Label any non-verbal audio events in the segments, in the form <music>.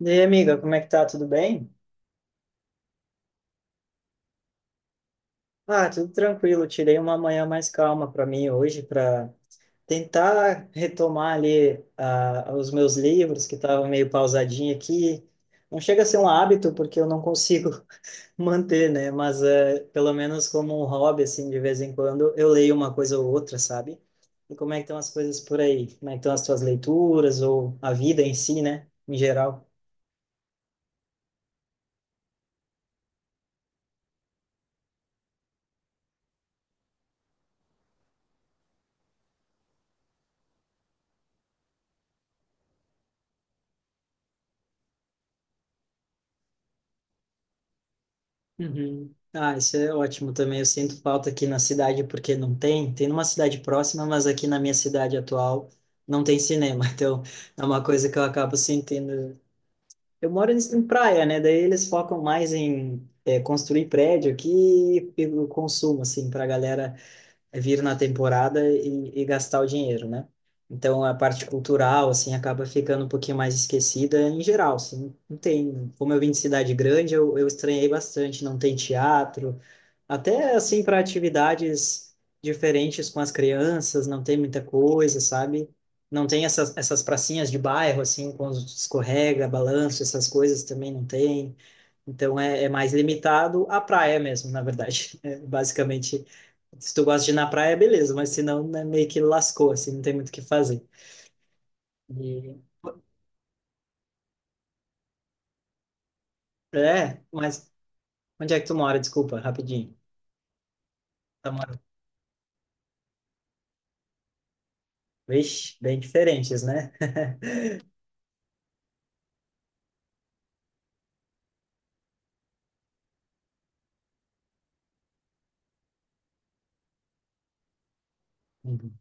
E aí, amiga, como é que tá? Tudo bem? Ah, tudo tranquilo. Tirei uma manhã mais calma para mim hoje para tentar retomar ali os meus livros que estavam meio pausadinho aqui. Não chega a ser um hábito porque eu não consigo <laughs> manter, né? Mas pelo menos como um hobby assim, de vez em quando eu leio uma coisa ou outra, sabe? E como é que estão as coisas por aí? Como é que estão as tuas leituras ou a vida em si, né? Em geral. Uhum. Ah, isso é ótimo também. Eu sinto falta aqui na cidade porque não tem. Tem numa cidade próxima, mas aqui na minha cidade atual não tem cinema. <laughs> Então é uma coisa que eu acabo sentindo. Eu moro em praia, né? Daí eles focam mais em construir prédio aqui e o consumo, assim, para a galera é vir na temporada e gastar o dinheiro, né? Então a parte cultural assim acaba ficando um pouquinho mais esquecida em geral, assim, não tem, como eu vim de cidade grande, eu estranhei bastante, não tem teatro, até assim para atividades diferentes com as crianças, não tem muita coisa, sabe? Não tem essas pracinhas de bairro assim com os escorrega, balanço, essas coisas também não tem. Então é mais limitado à praia mesmo, na verdade. <laughs> É basicamente se tu gosta de ir na praia, beleza, mas se não, né, meio que lascou, assim, não tem muito o que fazer. E- É, mas onde é que tu mora? Desculpa, rapidinho. Tu mora... Vixe, bem diferentes, né? <laughs> Uhum.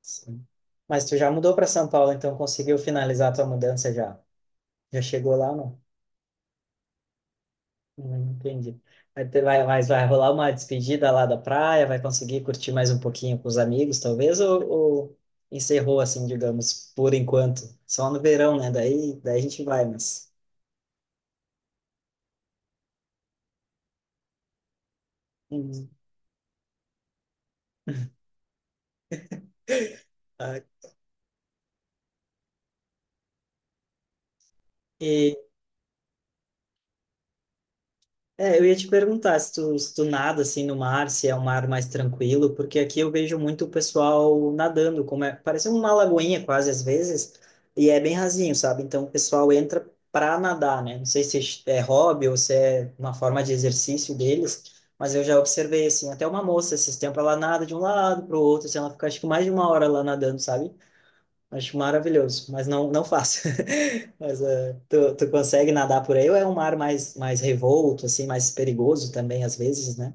Sim. Mas tu já mudou para São Paulo, então conseguiu finalizar a tua mudança já? Já chegou lá, não? Entendi. Mas vai rolar uma despedida lá da praia? Vai conseguir curtir mais um pouquinho com os amigos, talvez? Ou encerrou, assim, digamos, por enquanto? Só no verão, né? Daí a gente vai, mas... Hum. Ah. E, eu ia te perguntar se tu, se tu nada assim no mar, se é um mar mais tranquilo, porque aqui eu vejo muito o pessoal nadando, como é, parece uma lagoinha quase às vezes, e é bem rasinho, sabe? Então o pessoal entra para nadar, né? Não sei se é hobby ou se é uma forma de exercício deles, mas eu já observei assim, até uma moça esses tempos ela nada de um lado para o outro, assim, ela fica acho que mais de uma hora lá nadando, sabe? Acho maravilhoso, mas não, não faço. <laughs> Mas tu, tu consegue nadar por aí ou é um mar mais, mais revolto, assim, mais perigoso também às vezes, né?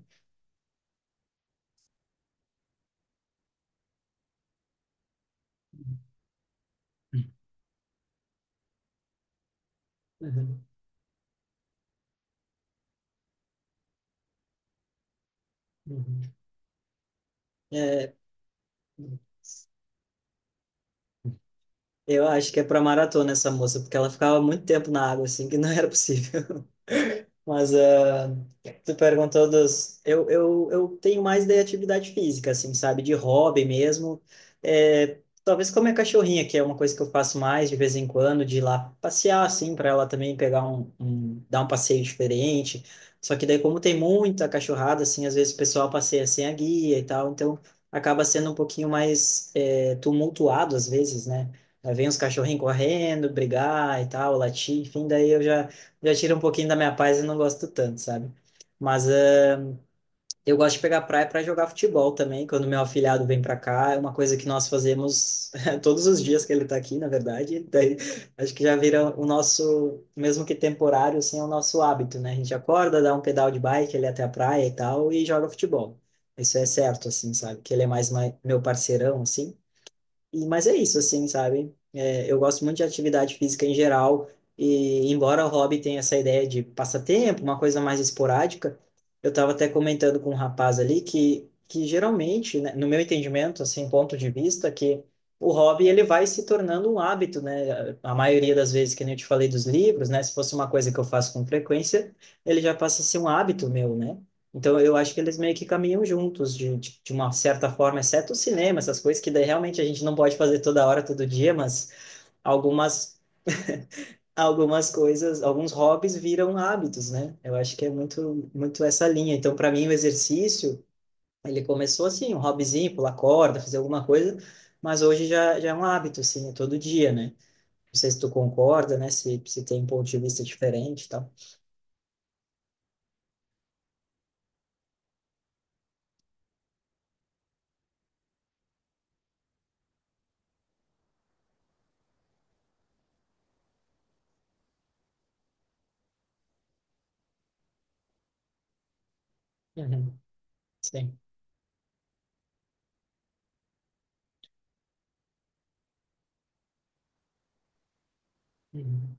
Uhum, uhum. É, eu acho que é para maratona essa moça, porque ela ficava muito tempo na água, assim, que não era possível. Mas tu perguntou dos. Eu tenho mais de atividade física, assim, sabe? De hobby mesmo. É, talvez comer cachorrinha, que é uma coisa que eu faço mais de vez em quando, de ir lá passear, assim, para ela também pegar dar um passeio diferente. Só que daí, como tem muita cachorrada, assim, às vezes o pessoal passeia sem a guia e tal, então acaba sendo um pouquinho mais tumultuado às vezes, né? Aí vem os cachorrinhos correndo, brigar e tal, latir, enfim, daí eu já tira um pouquinho da minha paz e não gosto tanto, sabe? Mas eu gosto de pegar praia para jogar futebol também, quando meu afilhado vem para cá, é uma coisa que nós fazemos <laughs> todos os dias que ele tá aqui, na verdade. <laughs> Daí, acho que já vira o nosso, mesmo que temporário, assim, é o nosso hábito, né? A gente acorda, dá um pedal de bike ali até a praia e tal, e joga futebol. Isso é certo, assim, sabe? Que ele é mais meu parceirão, assim. E, mas é isso, assim, sabe? É, eu gosto muito de atividade física em geral, e embora o hobby tenha essa ideia de passatempo, uma coisa mais esporádica, eu estava até comentando com um rapaz ali que geralmente, né, no meu entendimento, assim, ponto de vista, que o hobby ele vai se tornando um hábito, né? A maioria das vezes, que nem eu te falei dos livros, né? Se fosse uma coisa que eu faço com frequência, ele já passa a ser um hábito meu, né? Então, eu acho que eles meio que caminham juntos, de uma certa forma, exceto o cinema, essas coisas que daí realmente a gente não pode fazer toda hora, todo dia, mas algumas, <laughs> algumas coisas, alguns hobbies viram hábitos, né? Eu acho que é muito essa linha. Então, para mim, o exercício, ele começou assim, um hobbyzinho, pular corda, fazer alguma coisa, mas hoje já é um hábito, assim, é todo dia, né? Não sei se tu concorda, né? Se tem um ponto de vista diferente e tal. Uhum, sim. Uhum.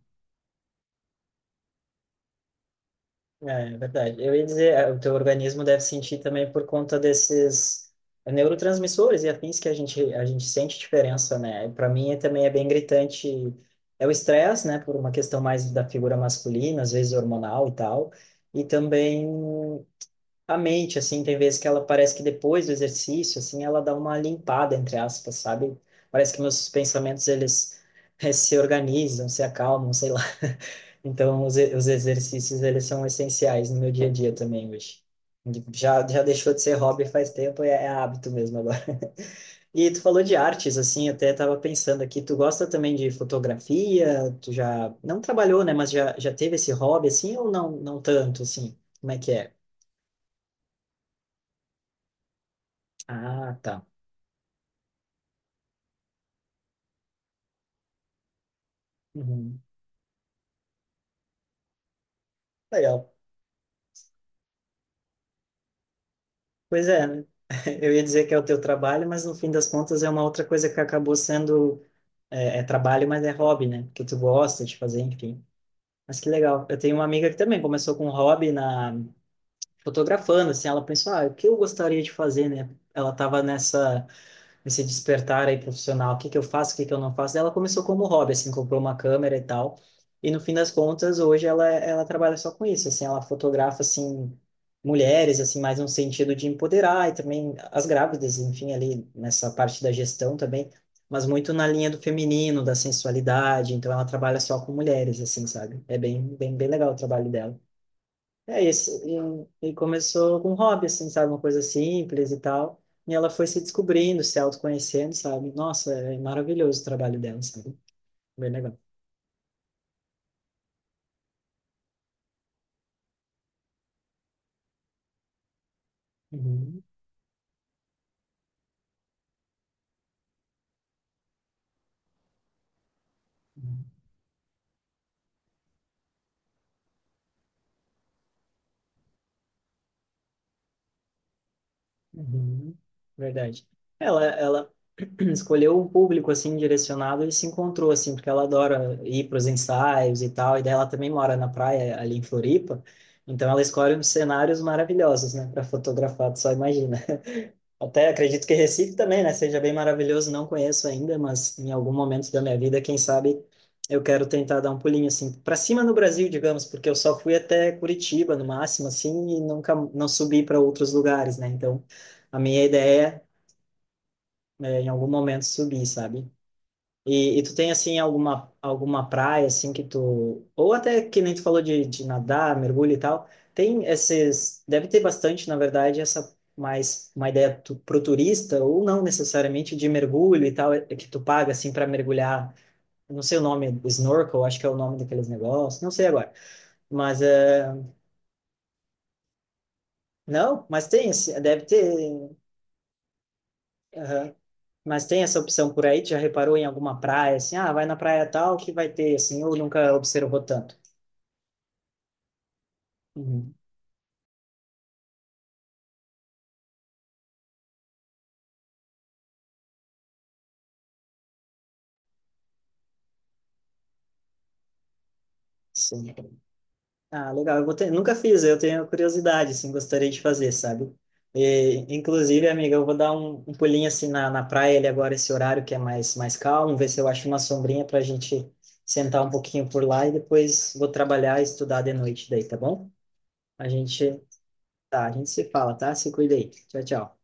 É verdade. Eu ia dizer, é, o teu organismo deve sentir também por conta desses neurotransmissores e afins que a gente sente diferença, né? Para mim é, também é bem gritante. É o estresse, né? Por uma questão mais da figura masculina, às vezes hormonal e tal. E também a mente, assim, tem vezes que ela parece que depois do exercício, assim, ela dá uma limpada, entre aspas, sabe? Parece que meus pensamentos, eles se organizam, se acalmam, sei lá. <laughs> Então, os exercícios, eles são essenciais no meu dia a dia também hoje. Já deixou de ser hobby faz tempo, é hábito mesmo agora. <laughs> E tu falou de artes, assim, até tava pensando aqui, tu gosta também de fotografia? Tu já, não trabalhou, né, mas já teve esse hobby, assim, ou não, não tanto, assim? Como é que é? Ah, tá. Uhum. Legal. Pois é, né? <laughs> Eu ia dizer que é o teu trabalho, mas no fim das contas é uma outra coisa que acabou sendo, é trabalho, mas é hobby, né? Que tu gosta de fazer, enfim. Mas que legal. Eu tenho uma amiga que também começou com um hobby na fotografando, assim, ela pensou, ah, o que eu gostaria de fazer, né? Ela tava nessa nesse despertar aí profissional, o que que eu faço, o que que eu não faço. Ela começou como hobby, assim, comprou uma câmera e tal. E no fim das contas, hoje ela trabalha só com isso, assim, ela fotografa assim mulheres, assim, mais no sentido de empoderar e também as grávidas, enfim, ali nessa parte da gestão também, mas muito na linha do feminino, da sensualidade, então ela trabalha só com mulheres, assim, sabe? É bem legal o trabalho dela. É isso. E começou com um hobby, assim, sabe? Uma coisa simples e tal. E ela foi se descobrindo, se autoconhecendo, sabe? Nossa, é maravilhoso o trabalho dela, sabe? Bem legal. Uhum, uhum, uhum. Verdade. Ela <clears throat> escolheu um público, assim, direcionado e se encontrou, assim, porque ela adora ir para os ensaios e tal. E daí ela também mora na praia, ali em Floripa. Então ela escolhe uns cenários maravilhosos, né? Para fotografar, tu só imagina. Até acredito que Recife também, né? Seja bem maravilhoso, não conheço ainda, mas em algum momento da minha vida, quem sabe, eu quero tentar dar um pulinho assim para cima no Brasil, digamos, porque eu só fui até Curitiba no máximo, assim, e nunca não subi para outros lugares, né? Então, a minha ideia é em algum momento subir, sabe? E tu tem assim alguma praia assim que tu ou até que nem tu falou de nadar, mergulho e tal. Tem esses, deve ter bastante, na verdade, essa mais uma ideia tu, pro turista ou não necessariamente de mergulho e tal, é que tu paga assim para mergulhar. Eu não sei o nome, snorkel, acho que é o nome daqueles negócios, não sei agora. Mas não, mas tem, deve ter, aham. Mas tem essa opção por aí, tu já reparou em alguma praia assim, ah, vai na praia tal que vai ter assim, ou nunca observou tanto. Uhum. Sim. Ah, legal. Eu vou ter... Nunca fiz, eu tenho curiosidade, assim, gostaria de fazer, sabe? E, inclusive, amiga, eu vou dar um pulinho, assim, na praia ali agora, esse horário que é mais, mais calmo, ver se eu acho uma sombrinha para a gente sentar um pouquinho por lá e depois vou trabalhar e estudar de noite daí, tá bom? A gente, tá, a gente se fala, tá? Se cuida aí. Tchau, tchau.